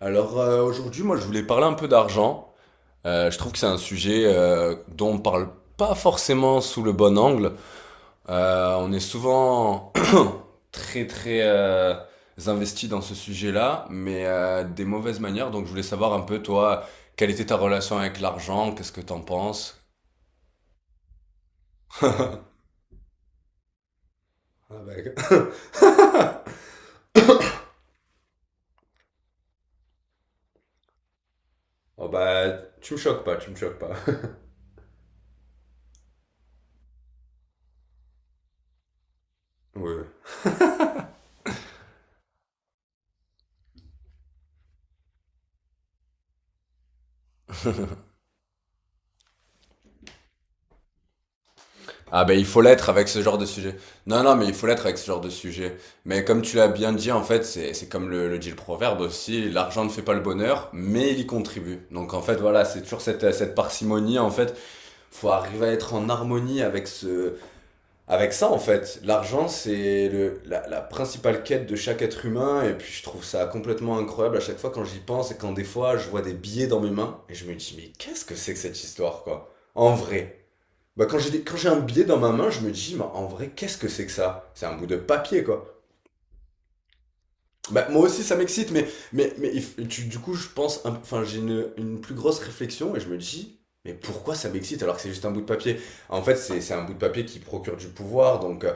Alors, aujourd'hui, moi je voulais parler un peu d'argent. Je trouve que c'est un sujet dont on parle pas forcément sous le bon angle. On est souvent très très investi dans ce sujet-là, mais des mauvaises manières. Donc je voulais savoir un peu toi, quelle était ta relation avec l'argent, qu'est-ce que t'en penses? Ah bah, oh bah, tu me choques pas, tu me choques pas. Oui. Ah ben il faut l'être avec ce genre de sujet. Non, non, mais il faut l'être avec ce genre de sujet. Mais comme tu l'as bien dit, en fait, c'est comme le dit le proverbe aussi, l'argent ne fait pas le bonheur, mais il y contribue. Donc en fait, voilà, c'est toujours cette parcimonie, en fait. Faut arriver à être en harmonie avec avec ça, en fait. L'argent, c'est la principale quête de chaque être humain, et puis je trouve ça complètement incroyable à chaque fois quand j'y pense et quand des fois je vois des billets dans mes mains, et je me dis, mais qu'est-ce que c'est que cette histoire, quoi? En vrai. Bah quand j'ai un billet dans ma main, je me dis, mais en vrai, qu'est-ce que c'est que ça? C'est un bout de papier, quoi. Bah moi aussi, ça m'excite, mais du coup, je pense, enfin, j'ai une plus grosse réflexion et je me dis, mais pourquoi ça m'excite alors que c'est juste un bout de papier? En fait, c'est un bout de papier qui procure du pouvoir,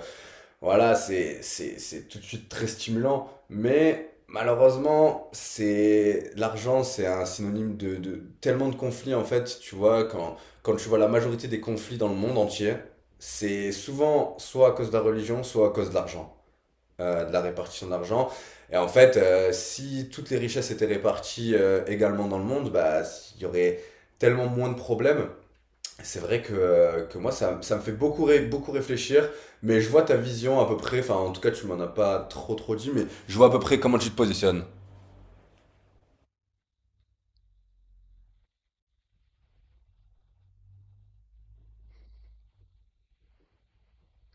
voilà, c'est tout de suite très stimulant, mais malheureusement, l'argent, c'est un synonyme de tellement de conflits, en fait, tu vois, quand tu vois la majorité des conflits dans le monde entier, c'est souvent soit à cause de la religion, soit à cause de l'argent, de la répartition de l'argent. Et en fait, si toutes les richesses étaient réparties également dans le monde, bah, il y aurait tellement moins de problèmes. C'est vrai que moi, ça me fait beaucoup réfléchir, mais je vois ta vision à peu près, enfin en tout cas tu m'en as pas trop trop dit, mais je vois à peu près comment tu te positionnes.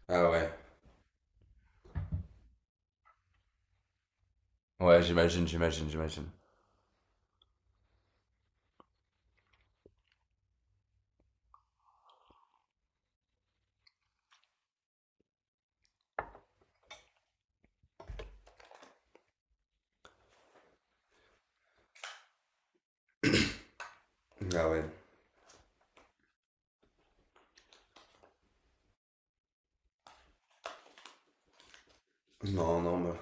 Ah ouais. Ouais, j'imagine, j'imagine, j'imagine. Ah ouais, non, non, bah,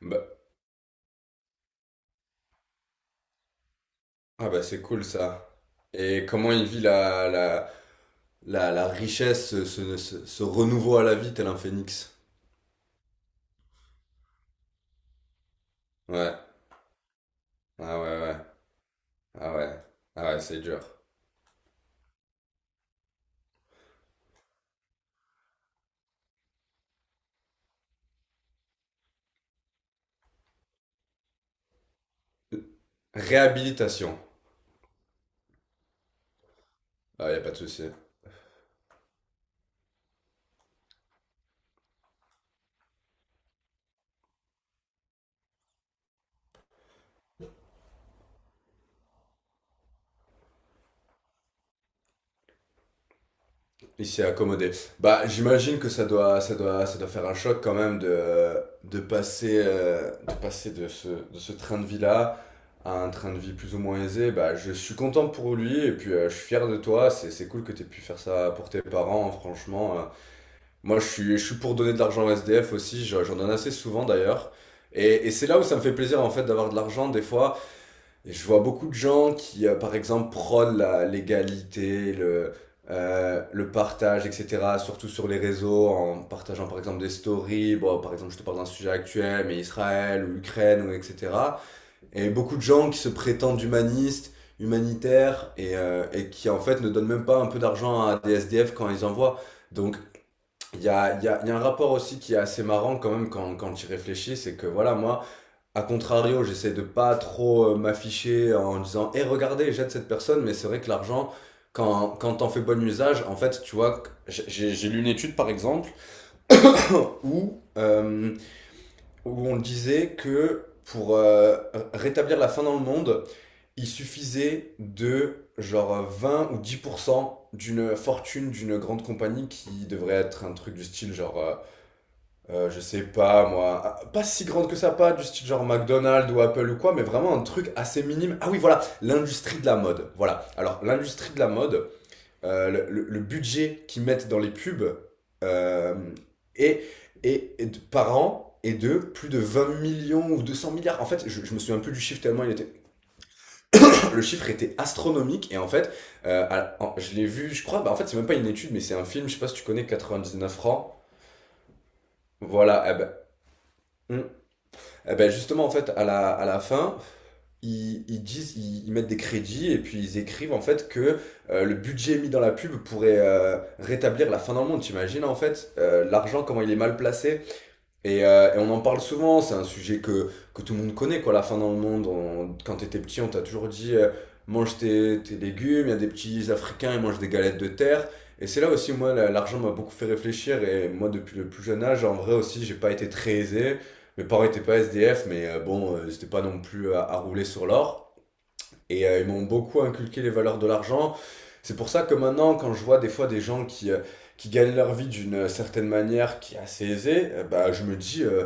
bah- ah bah c'est cool ça. Et comment il vit la richesse, ce renouveau à la vie tel un phénix. Ouais, ah ouais, ouais, ah ouais, ah ouais, c'est dur. Réhabilitation, ah y a pas de souci. Il s'est accommodé. Bah, j'imagine que ça doit faire un choc quand même de passer de ce train de vie-là à un train de vie plus ou moins aisé. Bah, je suis content pour lui et puis je suis fier de toi. C'est cool que tu aies pu faire ça pour tes parents, hein, franchement. Moi, je suis pour donner de l'argent au SDF aussi. J'en donne assez souvent d'ailleurs. Et c'est là où ça me fait plaisir en fait d'avoir de l'argent des fois. Et je vois beaucoup de gens qui, par exemple, prônent la l'égalité, le partage, etc., surtout sur les réseaux, en partageant, par exemple, des stories. Bon, par exemple, je te parle d'un sujet actuel, mais Israël ou Ukraine, ou etc. Et beaucoup de gens qui se prétendent humanistes, humanitaires, et qui, en fait, ne donnent même pas un peu d'argent à des SDF quand ils en voient. Donc, il y a, il y a, il y a un rapport aussi qui est assez marrant quand même quand tu y réfléchis, c'est que voilà, moi, a contrario, j'essaie de pas trop m'afficher en disant: Eh, regardez, j'aide cette personne, mais c'est vrai que l'argent, quand t'en fais bon usage, en fait, tu vois, j'ai lu une étude par exemple où, euh, où on disait que pour rétablir la faim dans le monde, il suffisait de genre 20 ou 10% d'une fortune d'une grande compagnie qui devrait être un truc du style genre je sais pas moi, ah, pas si grande que ça, pas du style genre McDonald's ou Apple ou quoi, mais vraiment un truc assez minime. Ah oui, voilà, l'industrie de la mode. Voilà. Alors, l'industrie de la mode, le budget qu'ils mettent dans les pubs euh, est, par an est de plus de 20 millions ou 200 milliards. En fait, je me souviens plus du chiffre tellement il était. Le chiffre était astronomique et en fait, je l'ai vu, je crois, bah en fait, c'est même pas une étude, mais c'est un film, je sais pas si tu connais 99 francs. Voilà, hmm, eh ben justement, en fait, à la fin, ils disent, ils mettent des crédits et puis ils écrivent en fait que le budget mis dans la pub pourrait rétablir la fin dans le monde. T'imagines en fait l'argent, comment il est mal placé et on en parle souvent, c'est un sujet que tout le monde connaît, quoi. La faim dans le monde, quand t'étais petit, on t'a toujours dit mange tes légumes, il y a des petits Africains, ils mangent des galettes de terre. Et c'est là aussi, moi, l'argent m'a beaucoup fait réfléchir. Et moi, depuis le plus jeune âge, en vrai aussi, j'ai pas été très aisé. Mes parents étaient pas SDF, mais bon, c'était pas non plus à rouler sur l'or. Et ils m'ont beaucoup inculqué les valeurs de l'argent. C'est pour ça que maintenant, quand je vois des fois des gens qui gagnent leur vie d'une certaine manière qui est assez aisée, bah, je me dis,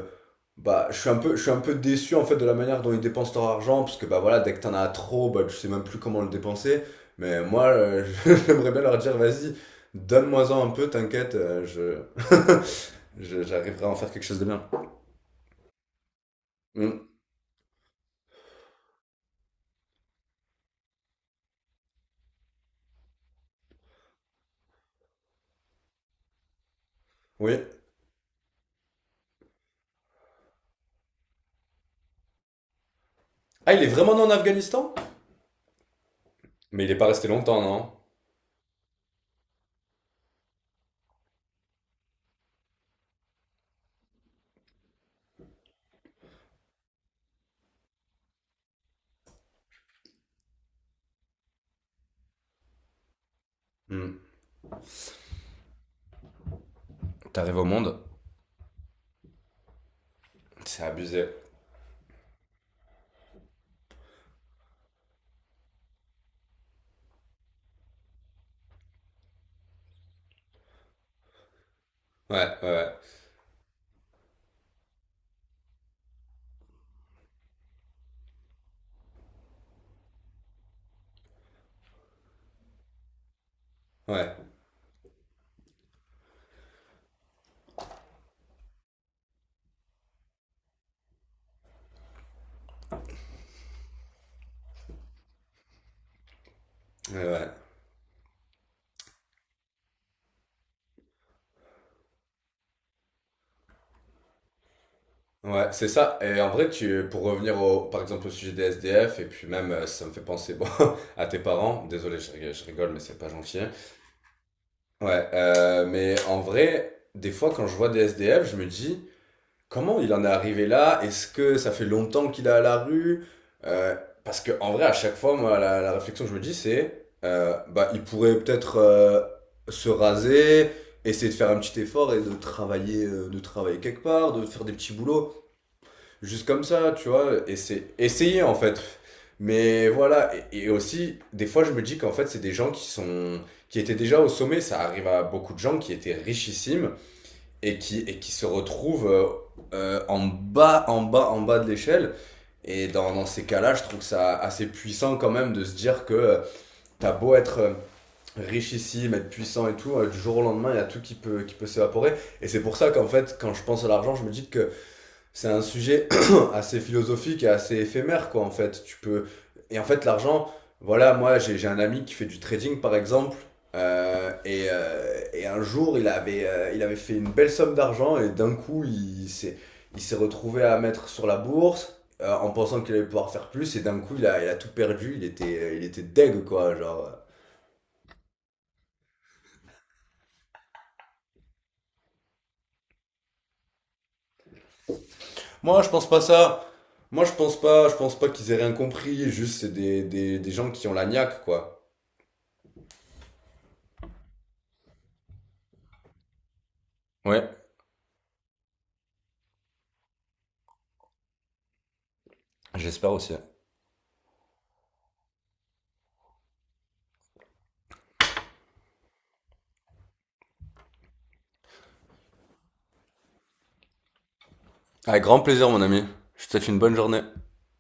bah, je suis un peu déçu en fait de la manière dont ils dépensent leur argent, parce que bah voilà, dès que t'en as trop, bah tu sais même plus comment le dépenser. Mais moi, j'aimerais bien leur dire, vas-y, donne-moi-en un peu, t'inquiète, j'arriverai à en faire quelque chose de bien. Hmm. Oui. Ah, il est vraiment né en Afghanistan? Mais il est pas resté longtemps, non? Hmm. T'arrives au monde? C'est abusé. Ouais, ouais, ouais, ouais, ouais. Ouais. Ouais, c'est ça. Et en vrai, pour revenir par exemple au sujet des SDF, et puis même, ça me fait penser bon, à tes parents. Désolé, je rigole, mais c'est pas gentil, hein. Ouais, mais en vrai, des fois, quand je vois des SDF, je me dis, comment il en est arrivé là? Est-ce que ça fait longtemps qu'il est à la rue? Euh, parce que en vrai, à chaque fois, moi, la réflexion que je me dis, bah, il pourrait peut-être se raser, essayer de faire un petit effort et de travailler, de travailler, quelque part, de faire des petits boulots. Juste comme ça, tu vois, essayer en fait. Mais voilà, et aussi, des fois, je me dis qu'en fait, c'est des gens qui sont, qui étaient déjà au sommet. Ça arrive à beaucoup de gens qui étaient richissimes et qui se retrouvent en bas, en bas, en bas de l'échelle. Et dans ces cas-là, je trouve ça assez puissant quand même de se dire que t'as beau être richissime, être puissant et tout, du jour au lendemain, il y a tout qui peut s'évaporer. Et c'est pour ça qu'en fait, quand je pense à l'argent, je me dis que c'est un sujet assez philosophique et assez éphémère, quoi, en fait. Tu peux... Et en fait, l'argent, voilà, moi, j'ai un ami qui fait du trading, par exemple, et un jour, il avait fait une belle somme d'argent et d'un coup, il s'est retrouvé à mettre sur la bourse en pensant qu'il allait pouvoir faire plus et d'un coup, il a tout perdu, il était deg, quoi, genre. Moi, je pense pas ça. Moi, je pense pas, qu'ils aient rien compris, juste c'est des gens qui ont la niaque, quoi. Ouais, j'espère aussi. Avec grand plaisir, mon ami. Je te souhaite une bonne journée.